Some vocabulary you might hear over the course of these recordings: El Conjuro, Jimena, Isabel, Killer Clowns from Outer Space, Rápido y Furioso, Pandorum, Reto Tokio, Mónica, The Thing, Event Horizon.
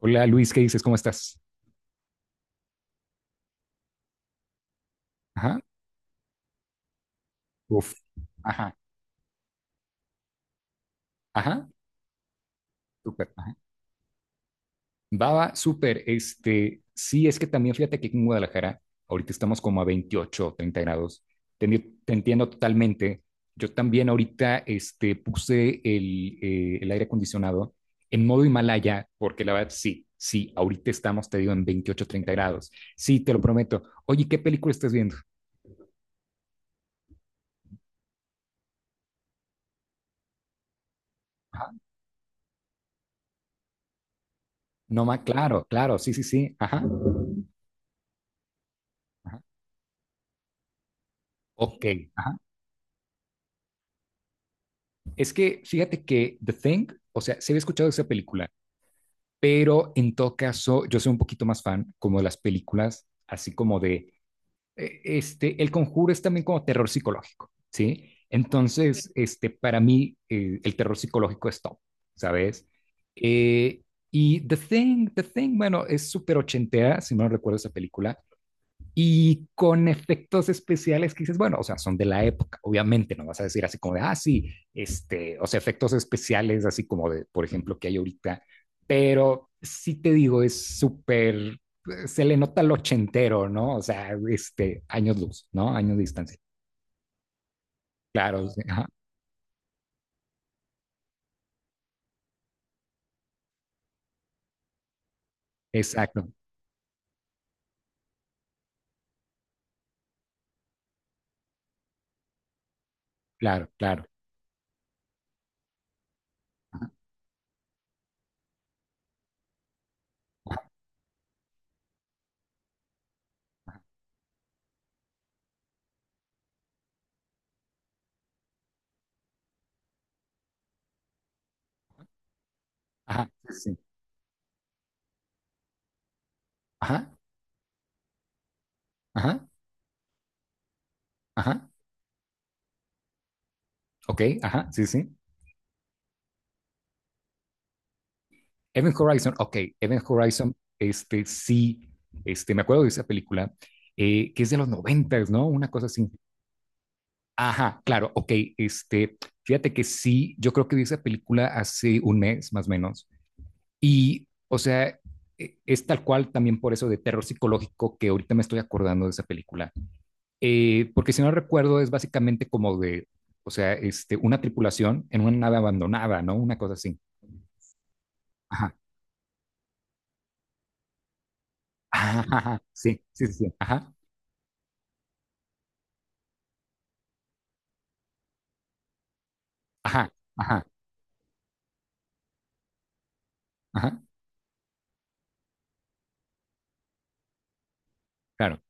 Hola Luis, ¿qué dices? ¿Cómo estás? Ajá. Uf. Ajá. Ajá. Súper. Ajá. Baba, súper. Este, sí, es que también fíjate que aquí en Guadalajara, ahorita estamos como a 28 o 30 grados. Te entiendo totalmente. Yo también ahorita este, puse el aire acondicionado en modo Himalaya, porque la verdad sí, sí, ahorita estamos, te digo, en 28 30 grados. Sí, te lo prometo. Oye, ¿qué película estás viendo? Ajá. No más, claro, claro, sí, sí, sí. Ajá. Ajá. Ok, ajá. Es que fíjate que The Thing, o sea, se había escuchado esa película, pero en todo caso yo soy un poquito más fan como de las películas, así como de, este, El Conjuro es también como terror psicológico, ¿sí? Entonces, este, para mí el terror psicológico es top, ¿sabes? Eh, y The Thing, The Thing, bueno, es súper ochentera, si no recuerdo esa película, y con efectos especiales que dices, bueno, o sea, son de la época, obviamente, no vas a decir así como de, ah, sí, este, o sea, efectos especiales así como de, por ejemplo, que hay ahorita, pero sí te digo, es súper, se le nota el ochentero, ¿no? O sea, este, años luz, ¿no? Años de distancia. Claro, sí, ajá, exacto, claro, claro, ajá, sí, sí, ajá, ajá, ajá, ok, ajá, sí, sí, Event Horizon, ok, Event Horizon, este sí, este, me acuerdo de esa película, que es de los 90, ¿no? Una cosa así. Ajá, claro, ok, este, fíjate que sí, yo creo que vi esa película hace un mes más o menos, y, o sea, es tal cual también por eso de terror psicológico que ahorita me estoy acordando de esa película. Porque si no recuerdo es básicamente como de, o sea, este, una tripulación en una nave abandonada, ¿no? Una cosa así. Ajá. Ah, ajá, ajá, sí, sí, sí, sí, ajá. Ajá, ajá, ajá, claro,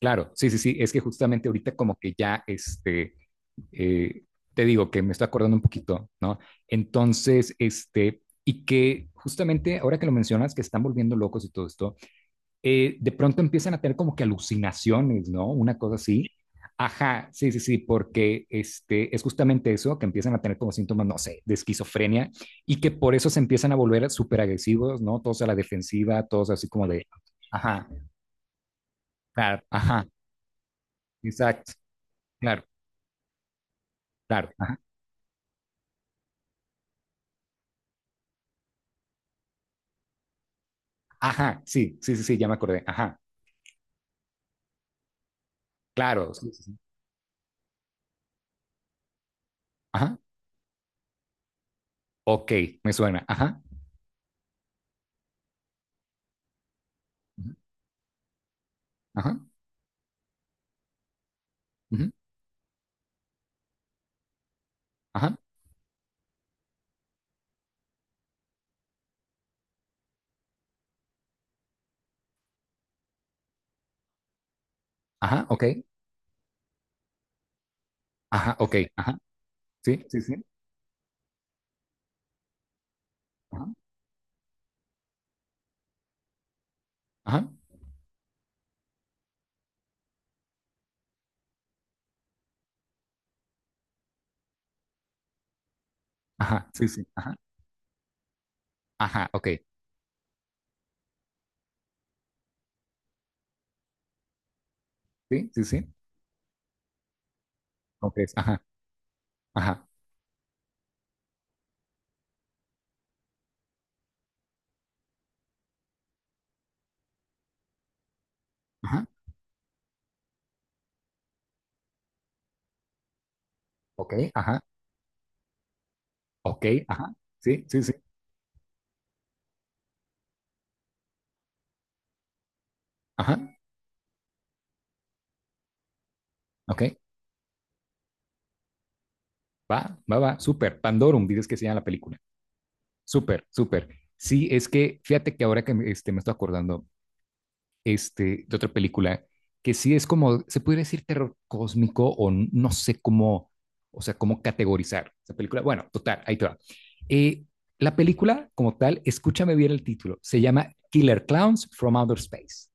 claro, sí, sí, sí, es que justamente ahorita como que ya, este, eh, te digo que me estoy acordando un poquito, ¿no? Entonces, este, y que justamente ahora que lo mencionas, que están volviendo locos y todo esto, de pronto empiezan a tener como que alucinaciones, ¿no? Una cosa así. Ajá, sí, sí, sí, porque este, es justamente eso, que empiezan a tener como síntomas, no sé, de esquizofrenia y que por eso se empiezan a volver súper agresivos, ¿no? Todos a la defensiva, todos así como de, ajá, claro, ajá, exacto, claro, claro, ajá, ajá, sí, sí, sí, sí, ya me acordé, ajá, claro, sí, sí, sí, ajá, ok, me suena, ajá, ujú, ajá, ujú, ajá, ajá, ok, ajá, ok, ajá, sí, sí, sí, ajá, ajá, ajá, sí, sí, ajá, ajá, ok, sí, sí, sí, ok, ajá, ajá, ajá, ok, ajá, ok, ajá, sí, sí, sí, ajá, ok, va, va, va, súper, Pandorum, dices que se llama la película, súper, súper, sí, es que fíjate que ahora que me, este, me estoy acordando, este, de otra película que sí es como, se podría decir terror cósmico o no sé cómo, o sea, cómo categorizar esa película. Bueno, total, ahí te va. Eh, la película como tal, escúchame bien el título, se llama Killer Clowns from Outer Space.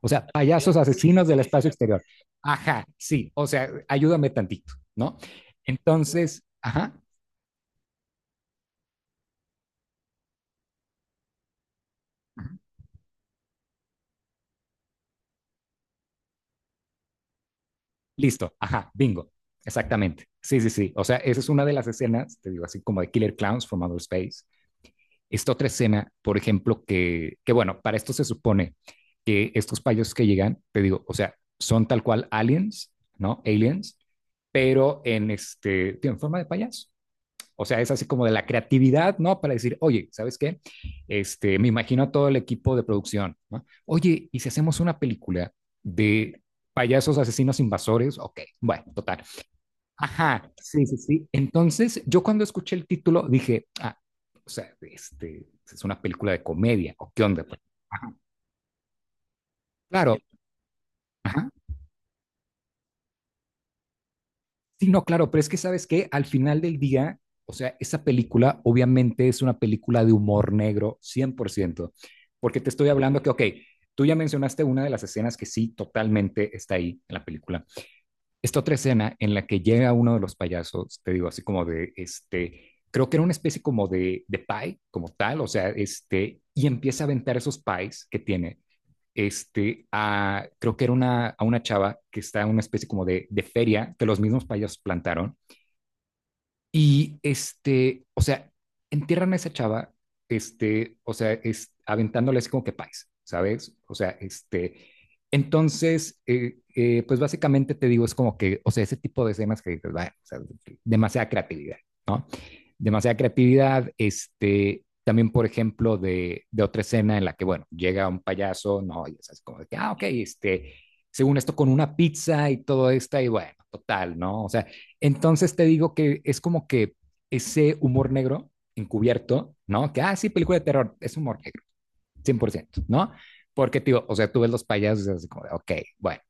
O sea, payasos asesinos del espacio exterior. Ajá, sí, o sea, ayúdame tantito, ¿no? Entonces, ajá, listo, ajá, bingo, exactamente. Sí, sí, sí. O sea, esa es una de las escenas, te digo, así como de Killer Clowns from Outer Space. Esta otra escena, por ejemplo, que bueno, para esto se supone que estos payasos que llegan, te digo, o sea, son tal cual aliens, ¿no? Aliens, pero en este, tío, en forma de payaso. O sea, es así como de la creatividad, ¿no? Para decir, oye, ¿sabes qué? Este, me imagino a todo el equipo de producción, ¿no? Oye, ¿y si hacemos una película de payasos asesinos invasores? Ok, bueno, total. Ajá, sí, sí, sí. Entonces, yo cuando escuché el título dije, ah, o sea, este, ¿es una película de comedia, o qué onda, pues? Ajá, claro, ajá. Sí, no, claro, pero es que sabes que al final del día, o sea, esa película obviamente es una película de humor negro 100%, porque te estoy hablando que, ok, tú ya mencionaste una de las escenas que sí totalmente está ahí en la película, esta otra escena en la que llega uno de los payasos, te digo, así como de, este, creo que era una especie como de, pie, como tal, o sea, este, y empieza a aventar esos pies que tiene, este, a, creo que era una, a una chava que está en una especie como de feria que los mismos payasos plantaron, y este, o sea, entierran a esa chava, este, o sea, es, aventándole así como que pais, ¿sabes? O sea, este, entonces, pues básicamente te digo, es como que, o sea, ese tipo de escenas que dices, "Bah, o sea, demasiada creatividad, demasiada creatividad, este, también, por ejemplo, otra escena en la que, bueno, llega un payaso, no, y es como de que, ah, ok, este, según esto, con una pizza y todo esto, y bueno, total, ¿no? O sea, entonces te digo que es como que ese humor negro encubierto, ¿no? Que, ah, sí, película de terror, es humor negro, 100%, ¿no? Porque, tío, o sea, tú ves los payasos y es así como de, ok, bueno,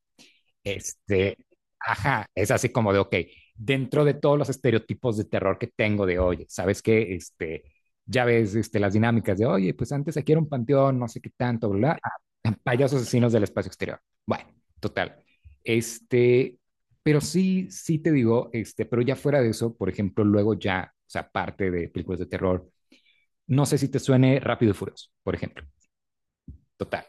este, ajá, es así como de, ok, dentro de todos los estereotipos de terror que tengo de, oye, ¿sabes qué? Este, ya ves este, las dinámicas de, oye, pues antes aquí era un panteón, no sé qué tanto, bla, bla, ah, payasos asesinos del espacio exterior. Bueno, total. Este, pero sí, sí te digo, este, pero ya fuera de eso, por ejemplo, luego ya, o sea, parte de películas de terror, no sé si te suene Rápido y Furioso, por ejemplo. Total.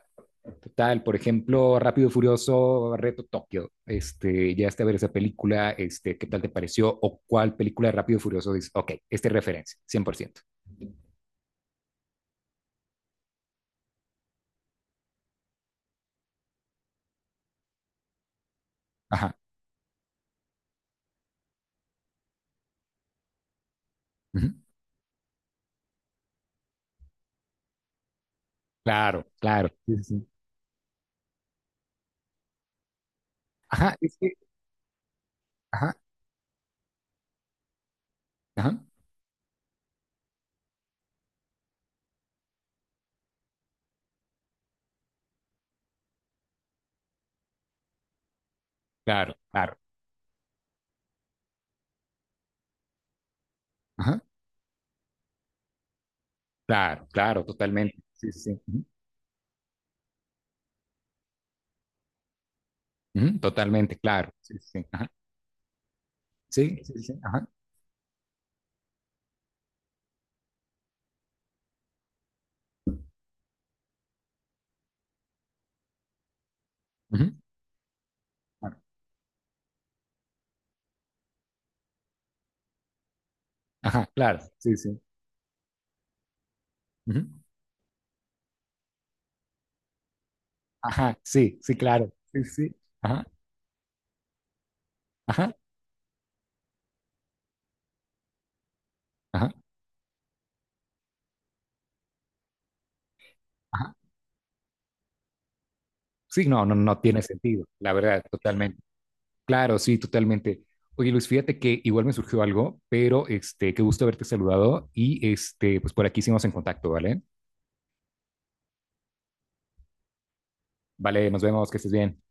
Total, por ejemplo, Rápido y Furioso, Reto Tokio. Este, ya está a ver esa película, este, ¿qué tal te pareció? ¿O cuál película de Rápido y Furioso dices, ok, esta es referencia, 100%? Ajá. Ujú. Claro, claro. Sí, sí, sí. Ajá, es que, ajá, ajá. Claro, claro. Ajá. Claro, claro, totalmente. Sí, sí, sí. Ujú, ujú, totalmente, claro. Sí, sí, sí. Ajá. Sí, sí, sí. Ajá. Ujú, claro, ajá, claro. Sí, sí. Ujú. Ajá, sí, sí, claro. Sí, sí. Ajá, ajá, ajá, ajá. Sí, no, no, no tiene sentido, la verdad, totalmente. Claro, sí, totalmente. Oye, Luis, fíjate que igual me surgió algo, pero este, qué gusto haberte saludado y este, pues por aquí seguimos en contacto, ¿vale? Vale, nos vemos, que estés bien.